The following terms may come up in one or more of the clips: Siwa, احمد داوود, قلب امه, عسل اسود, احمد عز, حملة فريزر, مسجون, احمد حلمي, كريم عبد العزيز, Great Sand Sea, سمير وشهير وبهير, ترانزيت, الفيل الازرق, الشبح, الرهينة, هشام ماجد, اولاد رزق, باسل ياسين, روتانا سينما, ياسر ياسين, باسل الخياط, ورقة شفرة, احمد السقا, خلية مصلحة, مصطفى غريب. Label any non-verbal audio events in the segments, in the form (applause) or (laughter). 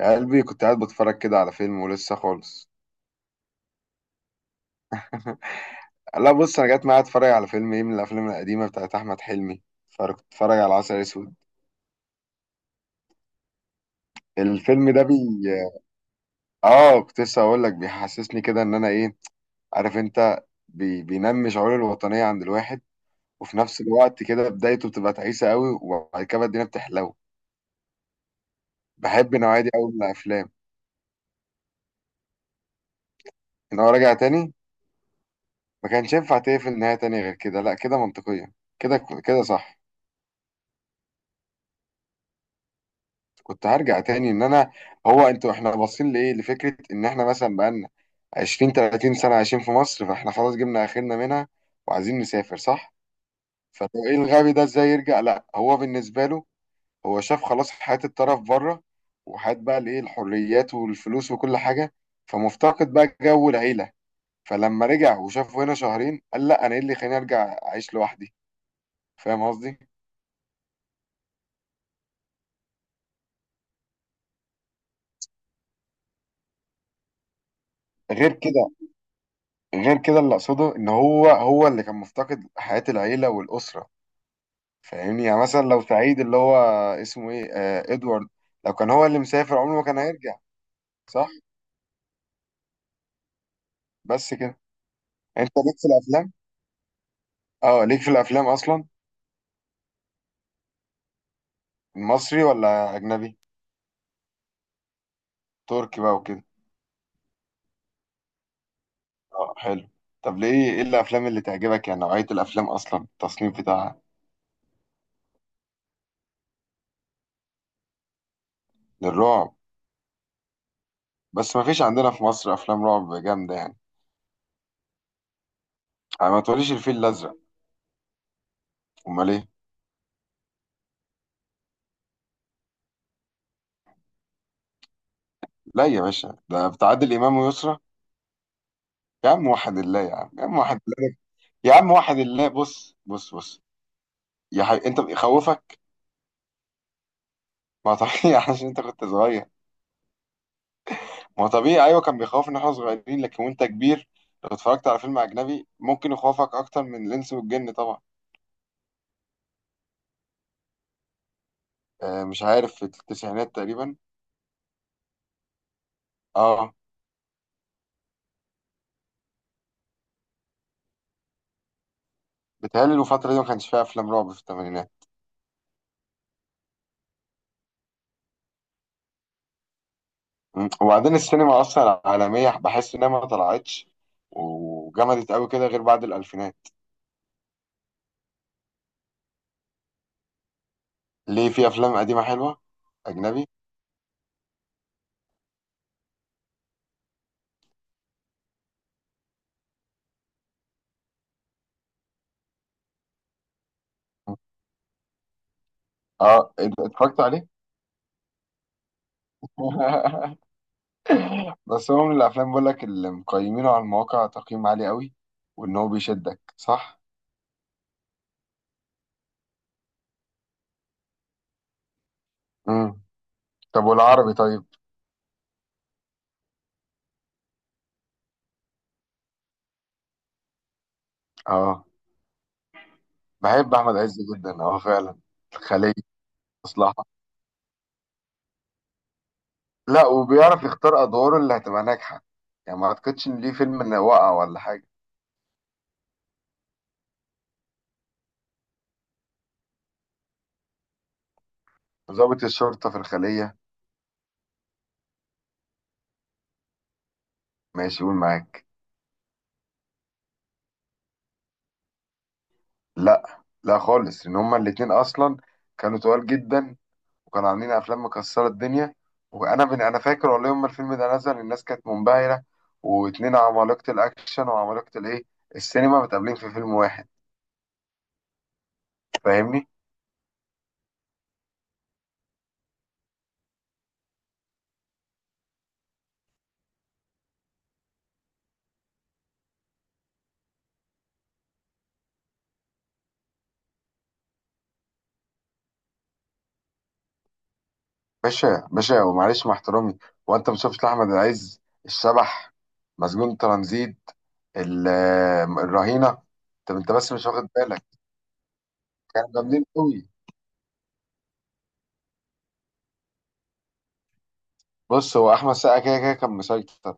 يا قلبي كنت قاعد بتفرج كده على فيلم ولسه خالص. (laughs) لا بص، انا جت معايا اتفرج على فيلم ايه من الافلام القديمه بتاعت احمد حلمي، فكنت اتفرج على عسل اسود. الفيلم ده بي، اه كنت لسه اقول لك بيحسسني كده ان انا ايه، عارف انت، بينمي شعور الوطنيه عند الواحد، وفي نفس الوقت كده بدايته بتبقى تعيسه قوي وبعد كده الدنيا بتحلو. بحب النوعيه دي قوي من الافلام. ان هو راجع تاني، ما كانش ينفع تقفل نهايه تانية غير كده. لا كده منطقيه، كده، كده صح. كنت هرجع تاني ان انا، هو انتوا احنا باصين لايه، لفكره ان احنا مثلا بقالنا 20 30 سنه عايشين في مصر، فاحنا خلاص جبنا اخرنا منها وعايزين نسافر، صح؟ فلو ايه الغبي ده ازاي يرجع؟ لا، هو بالنسبه له، هو شاف خلاص حياه الطرف بره، وحياه بقى الايه، الحريات والفلوس وكل حاجه، فمفتقد بقى جو العيله. فلما رجع وشافه هنا شهرين قال لا، انا ايه اللي خليني ارجع اعيش لوحدي؟ فاهم قصدي؟ غير كده، غير كده اللي اقصده ان هو، هو اللي كان مفتقد حياه العيله والاسره. فاهمني؟ يعني مثلا لو سعيد اللي هو اسمه ايه، آه، ادوارد، لو كان هو اللي مسافر عمره ما كان هيرجع. صح. بس كده. انت ليك في الافلام؟ اه ليك في الافلام اصلا؟ مصري ولا اجنبي؟ تركي بقى وكده؟ اه حلو. طب ليه، ايه الافلام اللي تعجبك يعني؟ نوعية الافلام اصلا، التصنيف بتاعها؟ للرعب؟ بس ما فيش عندنا في مصر افلام رعب جامدة يعني. يعني ما تقوليش الفيل الازرق. امال ايه؟ لا يا باشا، ده بتاع عادل امام ويسرى. يا عم واحد الله، يا عم، يا عم واحد الله، يا عم واحد الله، بص بص بص. يا حبيبي انت بيخوفك؟ ما طبيعي، (laughs) عشان انت كنت صغير. ما هو طبيعي، ايوه، كان بيخوفنا احنا صغيرين، لكن وانت كبير لو اتفرجت على فيلم اجنبي ممكن يخوفك اكتر من الانس والجن طبعا. آه مش عارف، في التسعينات تقريبا. اه. بتهيألي الفترة دي ما كانش فيها افلام رعب في الثمانينات. وبعدين السينما اصلا العالمية بحس انها ما طلعتش وجمدت قوي كده غير بعد الالفينات. ليه؟ في افلام قديمة حلوة. اجنبي؟ اه اتفرجت عليه. (laughs) بس هو من الافلام، بقول لك، اللي مقيمينه على المواقع تقييم عالي قوي، وان هو بيشدك صح. امم. طب والعربي؟ طيب. اه بحب احمد عز جدا، اه فعلا. خلية، مصلحة. لا، وبيعرف يختار ادواره اللي هتبقى ناجحة. يعني ما اعتقدش ان ليه فيلم انه وقع ولا حاجة. ضابط الشرطة في الخلية. ماشي، قول معاك. لا لا خالص، ان هما الاتنين اصلا كانوا تقال جدا، وكانوا عاملين افلام مكسره الدنيا. وانا انا فاكر والله يوم ما الفيلم ده نزل الناس كانت منبهره. واتنين عمالقه الاكشن وعمالقه الايه، السينما، متقابلين في فيلم واحد. فاهمني؟ باشا، باشا، ومعلش مع احترامي، وانت ما شفتش احمد عز الشبح، مسجون ترانزيت، ال- الرهينه؟ طب انت بس مش واخد بالك؟ كانوا جامدين قوي. بص، هو احمد السقا كده كده كان مسيطر.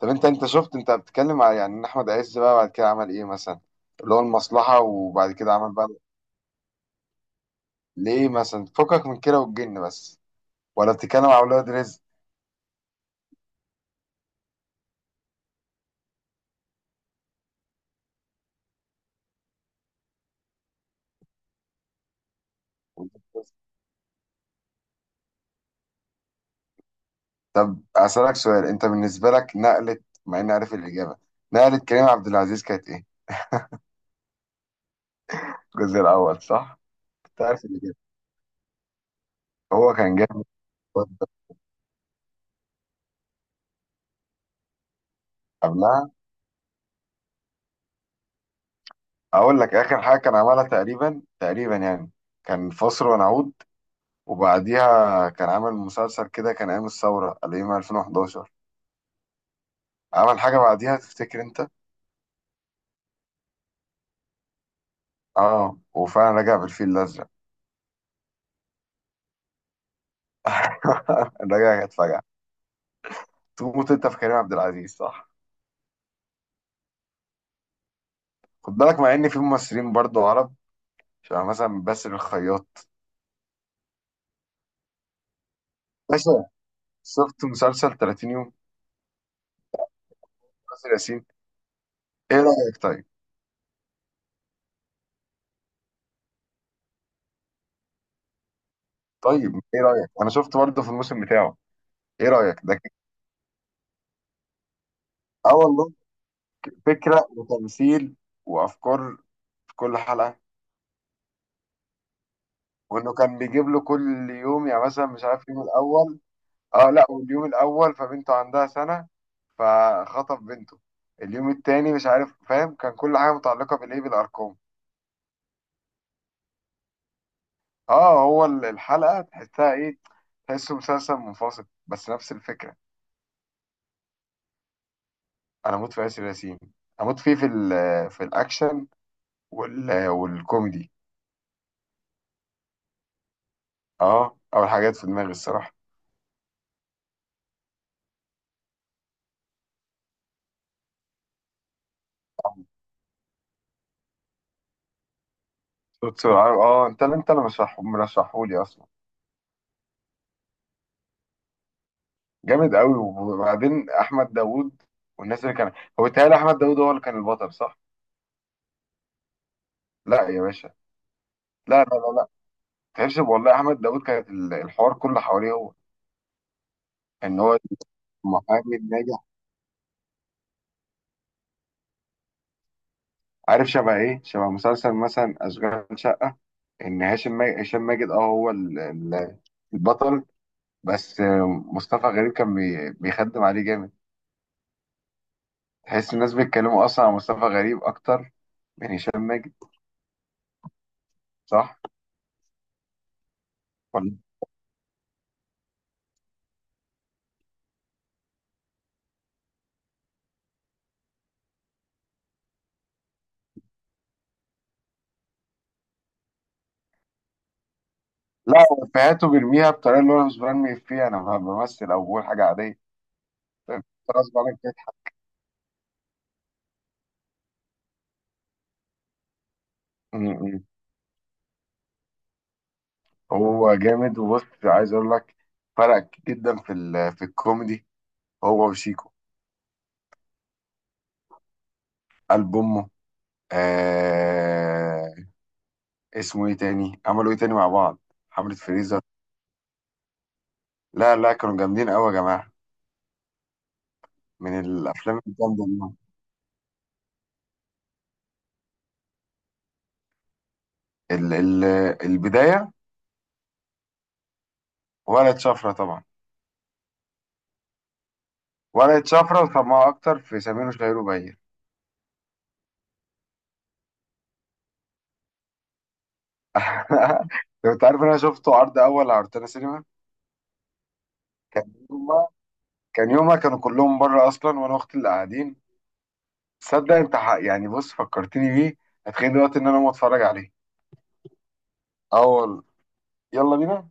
طب انت، انت شفت، انت بتتكلم على يعني ان احمد عز بقى بعد كده عمل ايه مثلا، اللي هو المصلحة، وبعد كده عمل بقى، ليه مثلا، فكك من كده والجن بس، ولا بتتكلم على اولاد رزق؟ طب اسالك سؤال، انت بالنسبه لك نقله، مع اني عارف الاجابه، نقله كريم عبد العزيز كانت ايه؟ الجزء الاول صح؟ انت عارف الاجابه. هو كان جامد برضه قبلها. اقول لك اخر حاجه كان عملها تقريبا تقريبا يعني، كان فاصل ونعود. وبعديها كان عامل مسلسل كده، كان ايام الثوره، الايام 2011. عمل حاجه بعديها تفتكر انت؟ اه، وفعلا رجع بالفيل الازرق. (laughs) رجع كانت فجأة. تموت انت في كريم عبد العزيز صح؟ خد بالك، مع ان في ممثلين برضو عرب، شبه مثلا باسل الخياط. باشا، شفت مسلسل 30 يوم؟ باسل ياسين. ايه رايك طيب؟ طيب ايه رايك، انا شفت برضه في الموسم بتاعه. ايه رايك ده كده؟ اه والله. فكره وتمثيل وافكار في كل حلقه. وانه كان بيجيب له كل يوم، يعني مثلا مش عارف، اليوم الاول، اه لا، واليوم الاول فبنته عندها سنه، فخطف بنته. اليوم التاني مش عارف، فاهم؟ كان كل حاجه متعلقه بالايه، بالارقام. اه، هو الحلقه تحسها ايه؟ تحسه مسلسل منفصل بس نفس الفكره. انا اموت في ياسر ياسين، اموت فيه في ال، في الاكشن وال والكوميدي اه اول حاجات في دماغي الصراحه. صوت سرعة، اه، انت اللي، انت اللي مرشحه، مرشحهولي اصلا. جامد قوي. وبعدين احمد داوود والناس اللي كان، هو بيتهيألي احمد داوود هو اللي كان البطل صح؟ لا يا باشا. لا لا لا لا، تعرفش والله احمد داوود كانت الحوار كله حواليه هو، ان هو محامي ناجح، عارف شبه ايه، شبه مسلسل مثلا اشغال شقه، ان هاشم ماجد، هشام ماجد، اه هو البطل، بس آه، مصطفى غريب كان بيخدم عليه جامد. تحس الناس بيتكلموا اصلا عن مصطفى غريب اكتر من هشام ماجد، صح؟ ولا لا، هو افيهاته بيرميها بطريقه اللي هو أنا مش برمي فيها، انا بمثل او بقول حاجه عاديه. فاهم؟ غصب عنك كده. م- م. هو جامد. وبص، عايز اقول لك، فرق جدا في في الكوميدي، هو وشيكو، قلب امه. آه، اسمه ايه تاني عملوا ايه تاني مع بعض؟ حملة فريزر. لا لا، كانوا جامدين قوي يا جماعة، من الافلام الجامدة دي. ال ال البداية، ورقة شفرة طبعا. ورقة شفرة، وسمعوا اكتر في سمير وشهير وبهير. (laughs) لو انت عارف ان انا شفته عرض اول على روتانا سينما. كان يومها، كان يومها كانوا كلهم بره اصلا، وانا واختي اللي قاعدين. تصدق انت يعني، بص، فكرتني بيه، هتخيل دلوقتي ان انا اقوم اتفرج عليه؟ اول، يلا بينا.